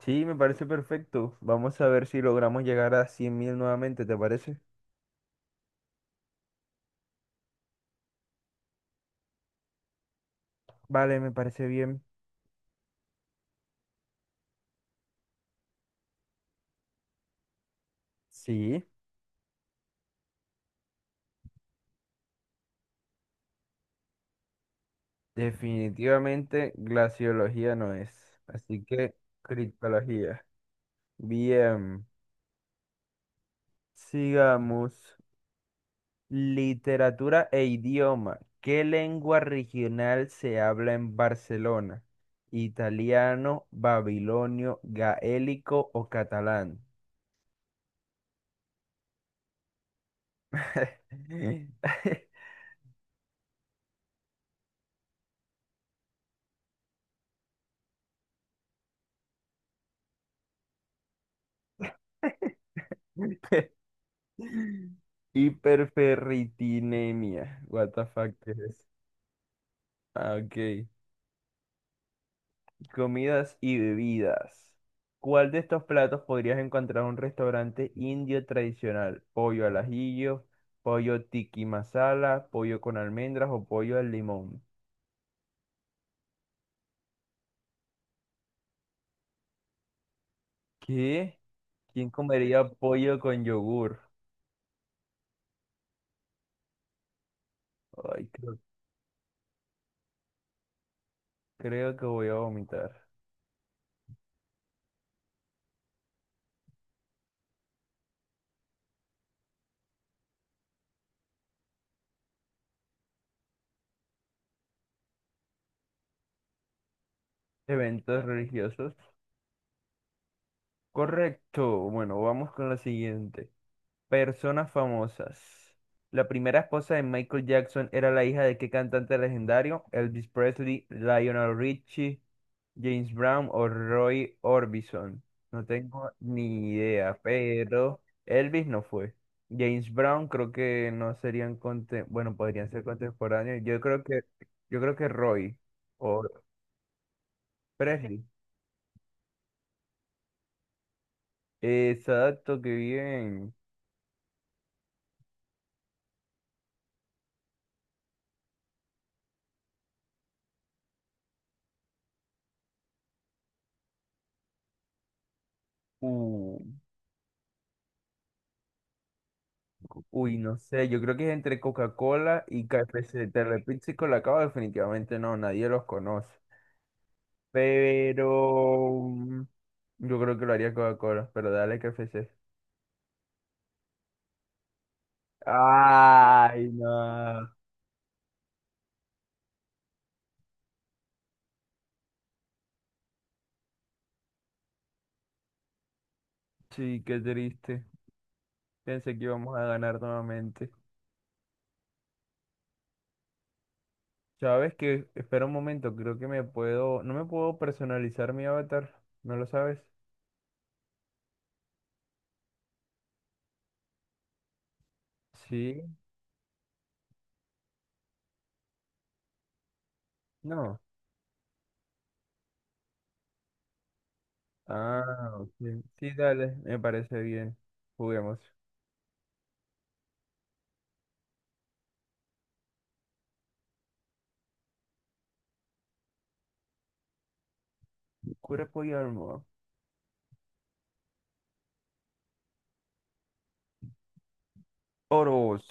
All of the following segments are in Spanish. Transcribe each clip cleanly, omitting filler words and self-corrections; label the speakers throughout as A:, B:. A: Sí, me parece perfecto. Vamos a ver si logramos llegar a 100.000 nuevamente, ¿te parece? Vale, me parece bien. Sí, definitivamente glaciología no es. Así que criptología. Bien, sigamos. Literatura e idioma. ¿Qué lengua regional se habla en Barcelona? ¿Italiano, babilonio, gaélico o catalán? Hiperferritinemia. What the fuck is this? Ah, ok. Comidas y bebidas. ¿Cuál de estos platos podrías encontrar en un restaurante indio tradicional? Pollo al ajillo, pollo tiki masala, pollo con almendras o pollo al limón. ¿Qué? ¿Quién comería pollo con yogur? Ay, creo que voy a vomitar. Eventos religiosos. Correcto. Bueno, vamos con la siguiente. Personas famosas. La primera esposa de Michael Jackson era la hija de qué cantante legendario? Elvis Presley, Lionel Richie, James Brown o Roy Orbison. No tengo ni idea, pero Elvis no fue. James Brown creo que no serían bueno, podrían ser contemporáneos. Yo creo que Roy o Presley. Exacto, qué bien. Uh, Uy, no sé, yo creo que es entre Coca-Cola y KFC. Telepizza y Colacao definitivamente no, nadie los conoce. Pero yo creo que lo haría Coca-Cola, pero dale KFC. Ay, no. Sí, qué triste. Pensé que íbamos a ganar nuevamente. ¿Sabes qué? Espera un momento, creo que me puedo... ¿No me puedo personalizar mi avatar? ¿No lo sabes? Sí, no. Ah, ok. Sí, dale, me parece bien. Juguemos. Cuerpo y alma. Oros.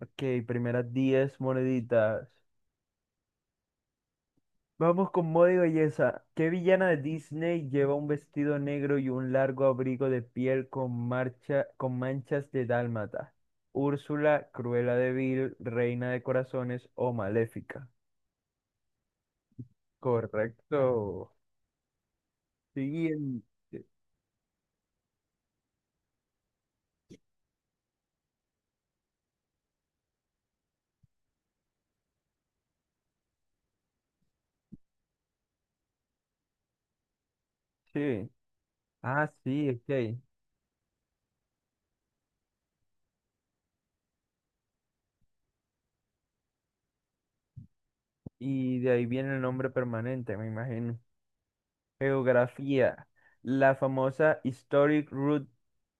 A: Ok, primeras 10 moneditas. Vamos con moda y belleza. ¿Qué villana de Disney lleva un vestido negro y un largo abrigo de piel con marcha, con manchas de dálmata? Úrsula, Cruella de Vil, Reina de Corazones o Maléfica. Correcto. Siguiente. Sí. Ah, sí, ok. Y de ahí viene el nombre permanente, me imagino. Geografía. La famosa Historic Route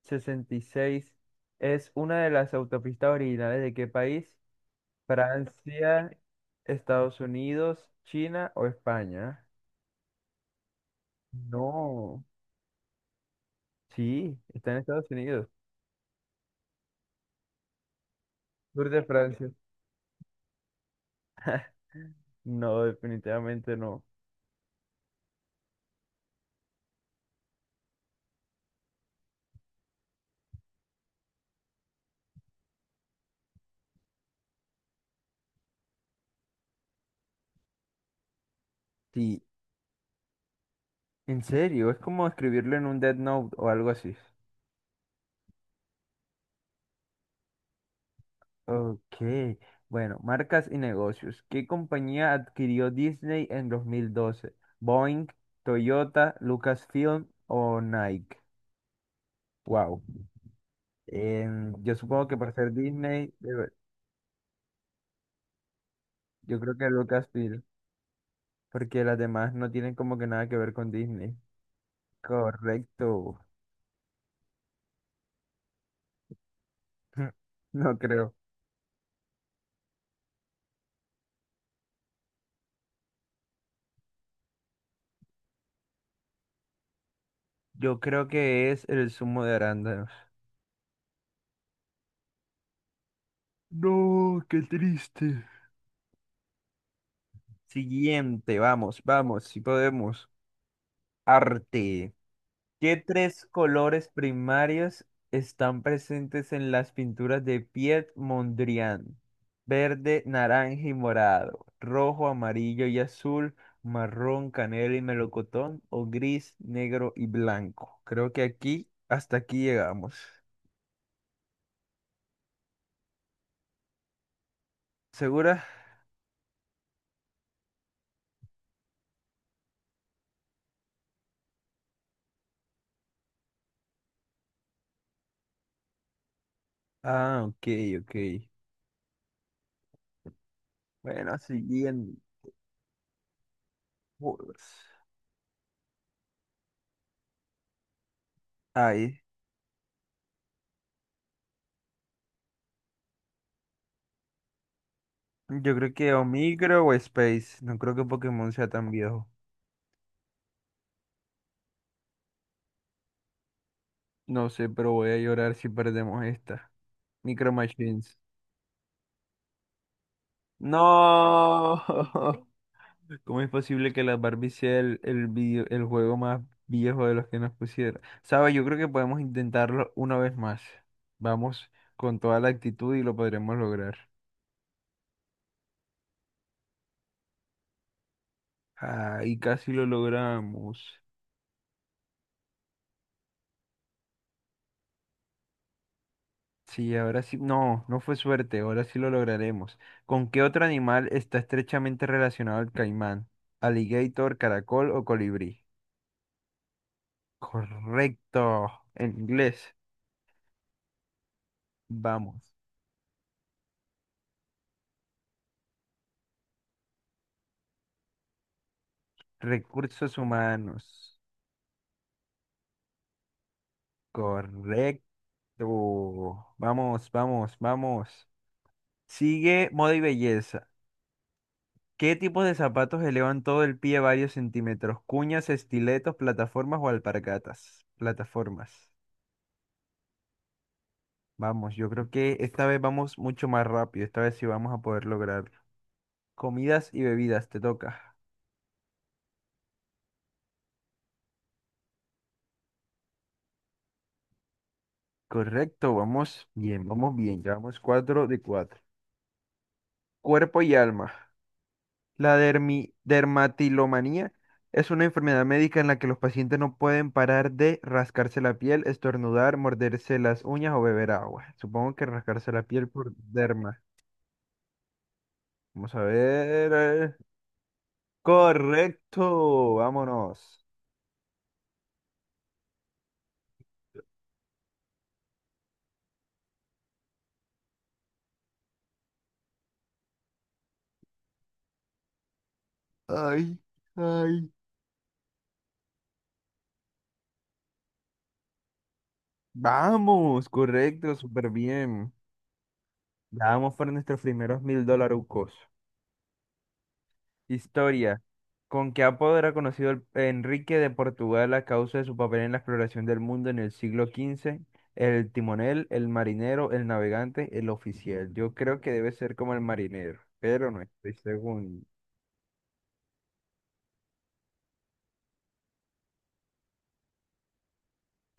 A: 66 es una de las autopistas originales de qué país? Francia, Estados Unidos, China o España. No, sí, está en Estados Unidos. Tour de Francia. No, definitivamente no. Sí, en serio, es como escribirlo en un Dead Note o algo así. Ok, bueno, marcas y negocios. ¿Qué compañía adquirió Disney en 2012? Boeing, Toyota, Lucasfilm o Nike. Wow. Yo supongo que por ser Disney, yo creo que Lucasfilm, porque las demás no tienen como que nada que ver con Disney. Correcto. No creo. Yo creo que es el zumo de arándanos. No, qué triste. Siguiente, vamos, vamos, si podemos. Arte. ¿Qué tres colores primarios están presentes en las pinturas de Piet Mondrian? Verde, naranja y morado, rojo, amarillo y azul, marrón, canela y melocotón, o gris, negro y blanco. Creo que aquí, hasta aquí llegamos. ¿Segura? Ah, ok, ok. Bueno, siguiendo. Ay, yo creo que o Micro o Space. No creo que Pokémon sea tan viejo. No sé, pero voy a llorar si perdemos esta. Micro Machines. No. ¿Cómo es posible que la Barbie sea el juego más viejo de los que nos pusieron? Sabes, yo creo que podemos intentarlo una vez más. Vamos con toda la actitud y lo podremos lograr. Ah, casi lo logramos. Sí, ahora sí. No, no fue suerte. Ahora sí lo lograremos. ¿Con qué otro animal está estrechamente relacionado el caimán? ¿Alligator, caracol o colibrí? Correcto. En inglés. Vamos. Recursos humanos. Correcto. Vamos, vamos, vamos. Sigue moda y belleza. ¿Qué tipos de zapatos elevan todo el pie varios centímetros? Cuñas, estiletos, plataformas o alpargatas. Plataformas. Vamos, yo creo que esta vez vamos mucho más rápido. Esta vez sí vamos a poder lograrlo. Comidas y bebidas, te toca. Correcto, vamos bien, vamos bien. Llevamos 4 de 4. Cuerpo y alma. La dermatilomanía es una enfermedad médica en la que los pacientes no pueden parar de rascarse la piel, estornudar, morderse las uñas o beber agua. Supongo que rascarse la piel por derma. Vamos a ver. Correcto, vámonos. Ay, ay. Vamos, correcto, súper bien. Ya vamos por nuestros primeros mil dolarucos. Historia. ¿Con qué apodo era conocido Enrique de Portugal a causa de su papel en la exploración del mundo en el siglo XV? El timonel, el marinero, el navegante, el oficial. Yo creo que debe ser como el marinero, pero no estoy seguro.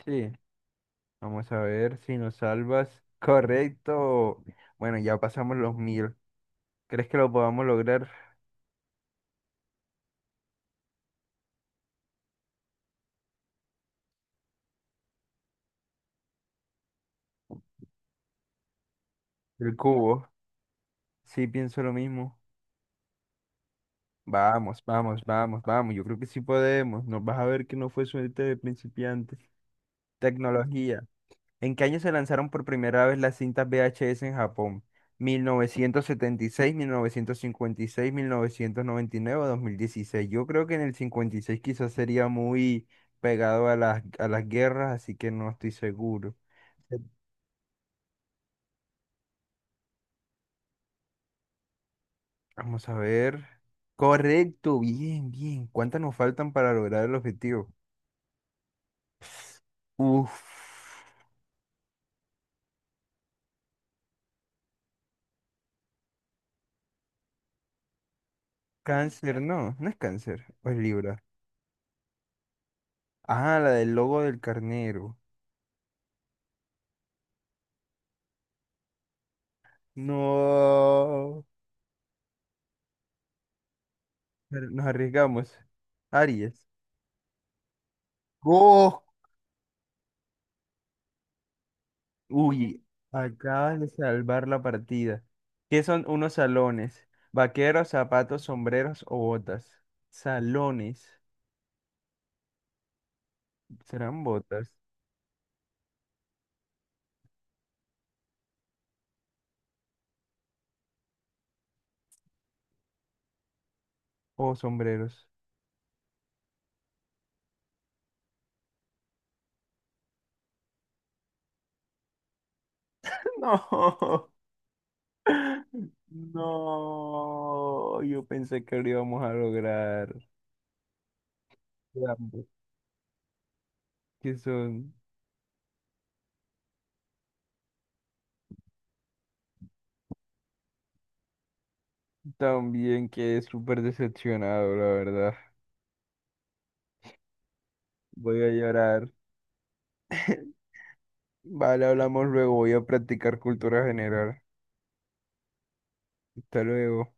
A: Sí, vamos a ver si nos salvas. Correcto. Bueno, ya pasamos los mil. ¿Crees que lo podamos lograr? El cubo. Sí, pienso lo mismo. Vamos, vamos, vamos, vamos. Yo creo que sí podemos. Nos vas a ver que no fue suerte de principiante. Tecnología. ¿En qué año se lanzaron por primera vez las cintas VHS en Japón? Mil novecientos setenta y seis, 1956, seis, 5099 o 2016. Yo creo que en el 56 quizás sería muy pegado a las guerras, así que no estoy seguro. Eh, Vamos a ver. Correcto, bien, bien. ¿Cuántas nos faltan para lograr el objetivo? Uf, cáncer, no, no es cáncer, o es Libra. Ah, la del logo del carnero. No, pero nos arriesgamos. Aries. ¡Oh! Uy, acaban de salvar la partida. ¿Qué son unos salones? Vaqueros, zapatos, sombreros o botas. Salones. ¿Serán botas o sombreros? No, no. Yo pensé que lo íbamos a lograr. Ambos. Que son también que es súper decepcionado, la verdad. Voy a llorar. Vale, hablamos luego. Voy a practicar cultura general. Hasta luego.